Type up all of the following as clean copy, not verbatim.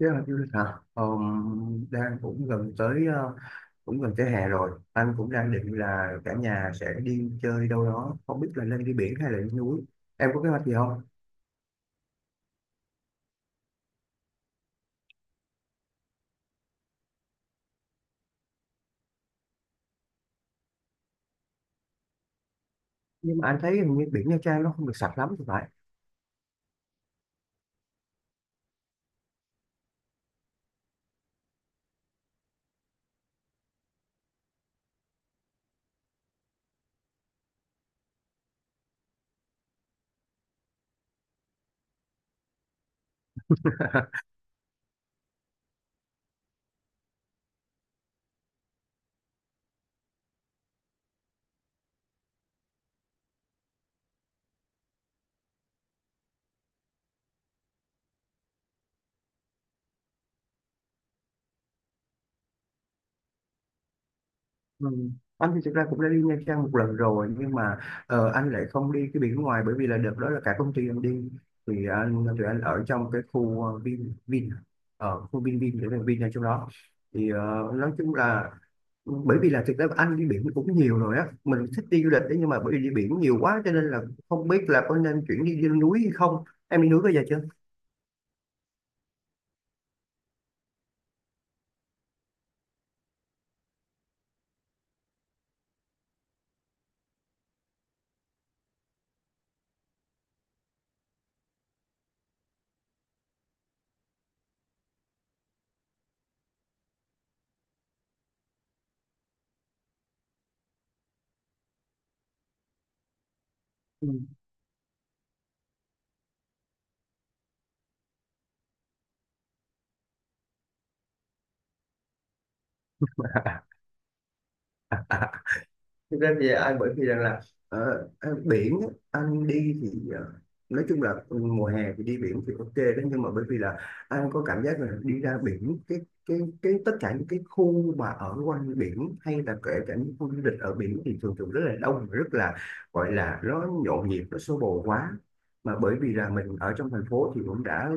Thế là du lịch hả? Đang cũng gần tới cũng gần tới hè rồi. Anh cũng đang định là cả nhà sẽ đi chơi đâu đó, không biết là nên đi biển hay là đi núi. Em có kế hoạch gì không? Nhưng mà anh thấy hình như biển Nha Trang nó không được sạch lắm thì phải. Ừ. Anh thì thực ra cũng đã đi Nha Trang một lần rồi, nhưng mà anh lại không đi cái biển ngoài, bởi vì là đợt đó là cả công ty anh đi, thì tụi anh ở trong cái khu Vin Vin, ở khu Vin Vin, để là Vin ở trong đó. Thì nói chung là, bởi vì là thực ra anh đi biển cũng nhiều rồi á, mình thích đi du lịch đấy, nhưng mà bởi vì đi biển nhiều quá, cho nên là không biết là có nên chuyển đi, đi núi hay không. Em đi núi bây giờ chưa? Ừ. Thực ra thì anh bởi vì rằng là biển á, anh đi thì nói chung là, mùa hè thì đi biển thì ok đó, nhưng mà bởi vì là anh có cảm giác là đi ra biển cái cái tất cả những cái khu mà ở quanh biển hay là kể cả những khu du lịch ở biển thì thường thường rất là đông và rất là, gọi là, nó nhộn nhịp nó xô bồ quá. Mà bởi vì là mình ở trong thành phố thì cũng đã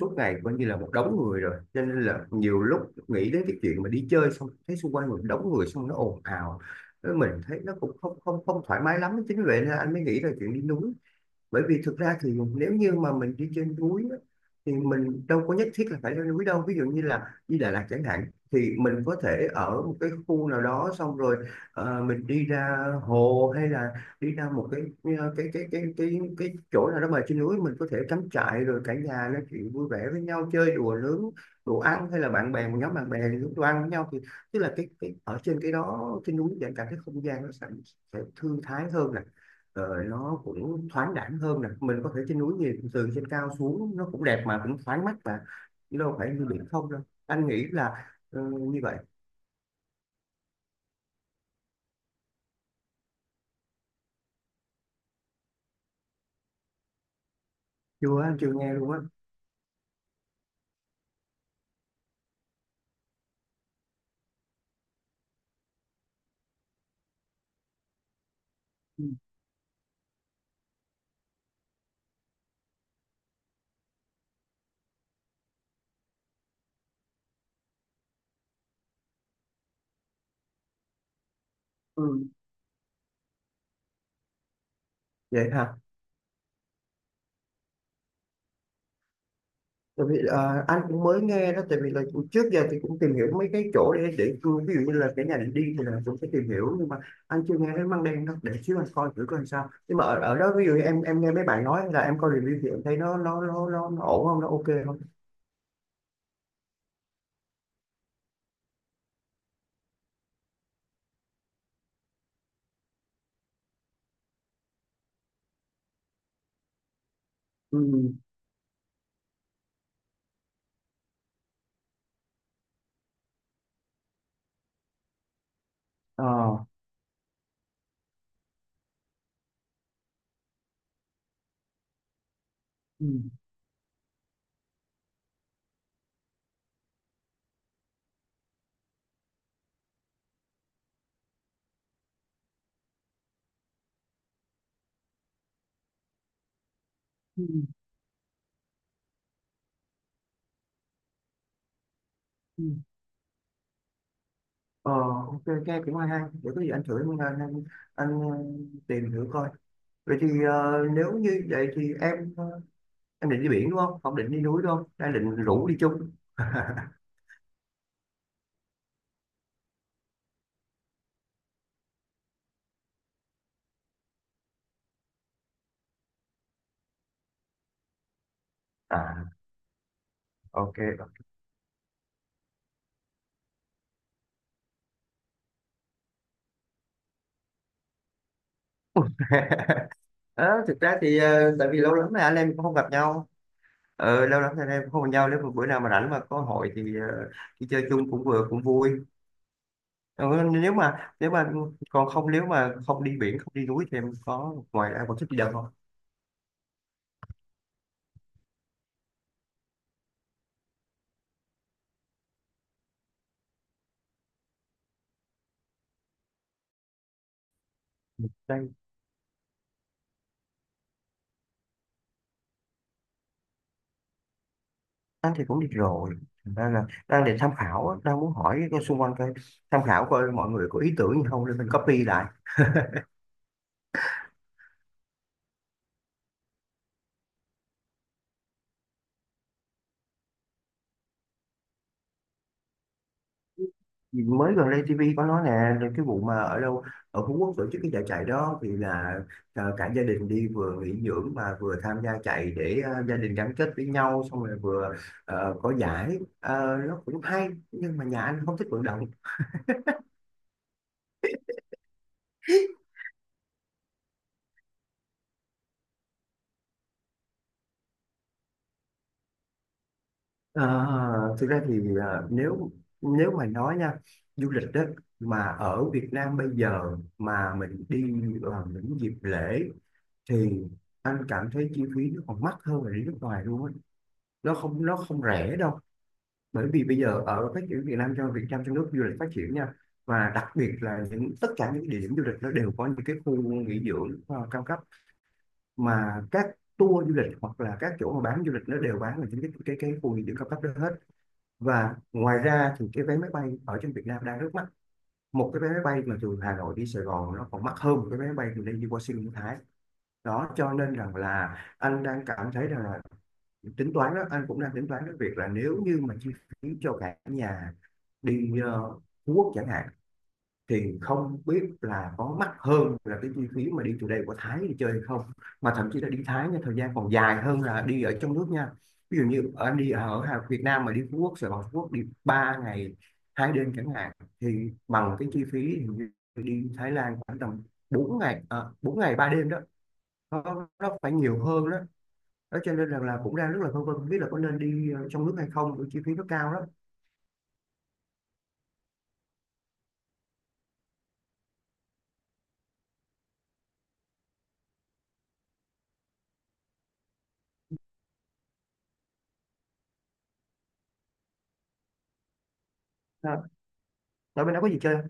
suốt ngày coi như là một đống người rồi, cho nên là nhiều lúc nghĩ đến cái chuyện mà đi chơi xong thấy xung quanh một đống người, xong nó ồn ào, mình thấy nó cũng không không không thoải mái lắm. Chính vì vậy nên anh mới nghĩ là chuyện đi núi. Bởi vì thực ra thì nếu như mà mình đi trên núi á, thì mình đâu có nhất thiết là phải lên núi đâu, ví dụ như là đi Đà Lạt chẳng hạn, thì mình có thể ở một cái khu nào đó, xong rồi mình đi ra hồ hay là đi ra một cái cái chỗ nào đó mà trên núi mình có thể cắm trại, rồi cả nhà nói chuyện vui vẻ với nhau, chơi đùa, nướng đồ ăn, hay là bạn bè, một nhóm bạn bè nướng đồ ăn với nhau. Thì tức là cái ở trên cái đó, trên núi thì cảm thấy không gian nó sẽ thư thái hơn nè, rồi nó cũng thoáng đãng hơn nè, mình có thể trên núi nhìn từ trên cao xuống nó cũng đẹp mà cũng thoáng mắt, và chứ đâu phải như biển không đâu, anh nghĩ là như vậy. Chưa, anh chưa nghe luôn á. Ừ. Ừ. Vậy hả? Tại vì anh cũng mới nghe đó, tại vì là trước giờ thì cũng tìm hiểu mấy cái chỗ để, ví dụ như là cái nhà để đi thì là cũng sẽ tìm hiểu, nhưng mà anh chưa nghe đến Măng Đen đâu, để xíu anh coi thử coi sao. Nhưng mà ở, ở đó, ví dụ như em nghe mấy bạn nói là, em coi review, thì em thấy nó nó ổn không, nó ok không? Ừ. Ờ. Ừ. Ừ. Ừ. Ờ, ok, nghe cũng hay hay. Để có gì anh thử, anh tìm thử coi. Vậy thì nếu như vậy thì em, em định đi biển đúng không? Không định đi núi đúng không? Đang định rủ đi chung. À, ok. Ờ, thực ra thì tại vì lâu lắm rồi anh em cũng không gặp nhau. Ờ, lâu lắm rồi anh em cũng không gặp nhau. Nếu mà bữa nào mà rảnh mà có hội thì đi chơi chung cũng vừa cũng vui. Ờ, nếu mà còn không, nếu mà không đi biển không đi núi thì em có, ngoài ra còn thích đi đâu không? Anh thì cũng đi rồi. Thành ra là đang định tham khảo á, đang muốn hỏi cái xung quanh coi, tham khảo coi mọi người có ý tưởng gì không để mình copy lại. Vì mới gần đây TV có nói nè là cái vụ mà ở đâu, ở Phú Quốc tổ chức cái giải chạy đó, thì là cả gia đình đi vừa nghỉ dưỡng mà vừa tham gia chạy để gia đình gắn kết với nhau, xong rồi vừa có giải. Ờ, nó cũng hay nhưng mà nhà anh không thích vận động. À, thực ra thì nếu nếu mà nói nha, du lịch đó mà ở Việt Nam bây giờ mà mình đi vào những dịp lễ thì anh cảm thấy chi phí nó còn mắc hơn là đi nước ngoài luôn á, nó không, nó không rẻ đâu. Bởi vì bây giờ ở phát triển Việt Nam, cho Việt Nam trong nước du lịch phát triển nha, và đặc biệt là những, tất cả những địa điểm du lịch nó đều có những cái khu nghỉ dưỡng cao cấp, mà các tour du lịch hoặc là các chỗ mà bán du lịch nó đều bán là những cái khu nghỉ dưỡng cao cấp đó hết. Và ngoài ra thì cái vé máy bay ở trên Việt Nam đang rất mắc, một cái vé máy bay mà từ Hà Nội đi Sài Gòn nó còn mắc hơn một cái vé máy bay từ đây đi Washington Thái đó, cho nên rằng là anh đang cảm thấy rằng là, tính toán đó, anh cũng đang tính toán cái việc là, nếu như mà chi phí cho cả nhà đi Phú Quốc chẳng hạn, thì không biết là có mắc hơn là cái chi phí mà đi từ đây qua Thái đi chơi hay không. Mà thậm chí là đi Thái nha, thời gian còn dài hơn là đi ở trong nước nha. Ví dụ như anh đi ở Việt Nam, mà đi Phú Quốc, Sài Gòn Phú Quốc, đi 3 ngày hai đêm chẳng hạn, thì bằng cái chi phí hình như đi Thái Lan khoảng tầm 4 ngày 4 ngày 3 đêm đó, nó phải nhiều hơn đó. Đó cho nên là cũng đang rất là phân vân không biết là có nên đi trong nước hay không, bởi chi phí nó cao lắm. Đó. Nói bên đó có gì chơi không?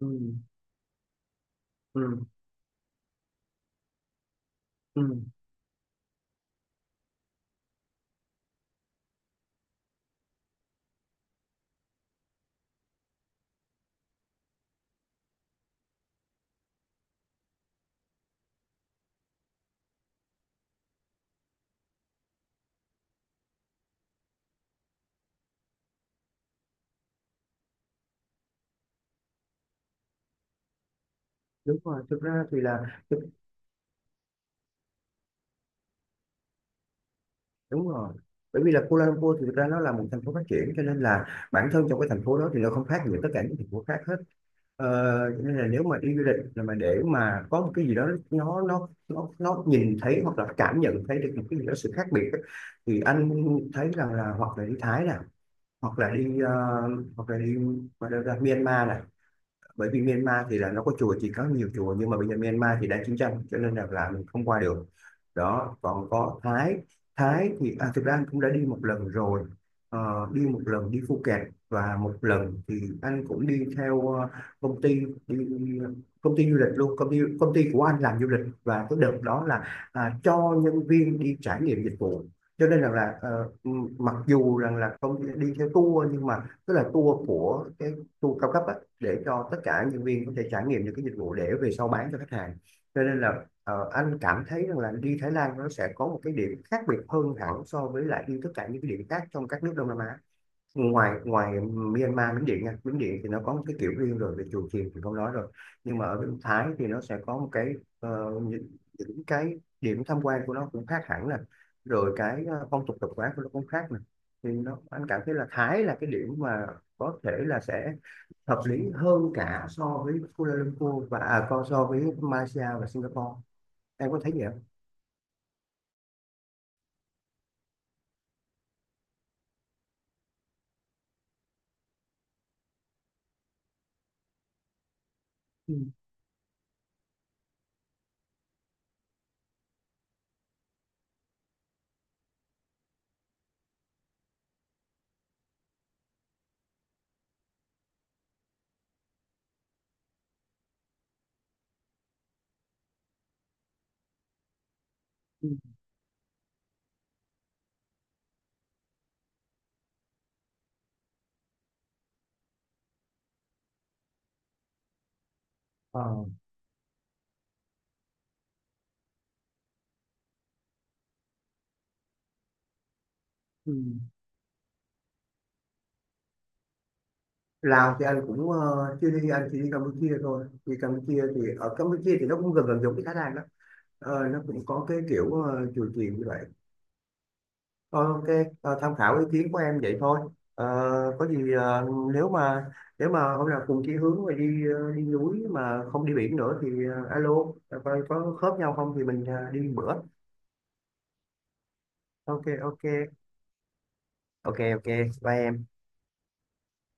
Ừ. Ừ. Ừ. Đúng rồi, thực ra thì là, thực- đúng rồi. Bởi vì là Kuala Lumpur thì thực ra nó là một thành phố phát triển, cho nên là bản thân trong cái thành phố đó thì nó không khác gì tất cả những thành phố khác hết. ờ, cho nên là nếu mà đi du lịch là mà để mà có một cái gì đó nó nó nhìn thấy hoặc là cảm nhận thấy được một cái gì đó sự khác biệt ấy, thì anh thấy rằng là hoặc là đi Thái nè, hoặc là đi hoặc là đi, mà đâu, Myanmar nè, bởi vì Myanmar thì là nó có chùa chỉ, có nhiều chùa, nhưng mà bây giờ Myanmar thì đang chiến tranh cho nên là mình không qua được. Đó, còn có Thái. Thái thì thực ra anh cũng đã đi một lần rồi. Ờ, đi một lần đi Phuket, và một lần thì anh cũng đi theo công ty đi, công ty du lịch luôn, công ty của anh làm du lịch, và cái đợt đó là cho nhân viên đi trải nghiệm dịch vụ. Cho nên rằng là, mặc dù rằng là công ty đi theo tour nhưng mà, tức là tour của cái, tour cao cấp á, để cho tất cả nhân viên có thể trải nghiệm được cái dịch vụ để về sau bán cho khách hàng. Cho nên là anh cảm thấy rằng là đi Thái Lan nó sẽ có một cái điểm khác biệt hơn hẳn so với lại đi tất cả những cái điểm khác trong các nước Đông Nam Á. ngoài ngoài Myanmar, Miến Điện nha, Miến Điện thì nó có một cái kiểu riêng rồi, về chùa chiền thì không nói rồi, nhưng mà ở bên Thái thì nó sẽ có một cái ờ, những, những cái điểm tham quan của nó cũng khác hẳn nè, rồi cái phong tục tập quán của nó cũng khác nè, thì nó anh cảm thấy là Thái là cái điểm mà có thể là sẽ hợp lý hơn cả, so với Kuala Lumpur và so với Malaysia và Singapore. Em có thấy vậy không? Ừ. Ừ. Ờ. Ừ. Lào thì anh cũng chưa đi, anh chỉ đi Campuchia thôi, thì Campuchia thì ở Campuchia thì nó cũng gần gần giống cái Thái Lan đó. Ờ, nó cũng có cái kiểu chùa chiền như vậy. Ờ, ok. Tham khảo ý kiến của em vậy thôi. Ờ, có gì nếu mà, nếu mà hôm nào cùng chí hướng mà đi đi núi mà không đi biển nữa thì alo coi có khớp nhau không, thì mình đi bữa. Ok ok. Ok ok. Bye em.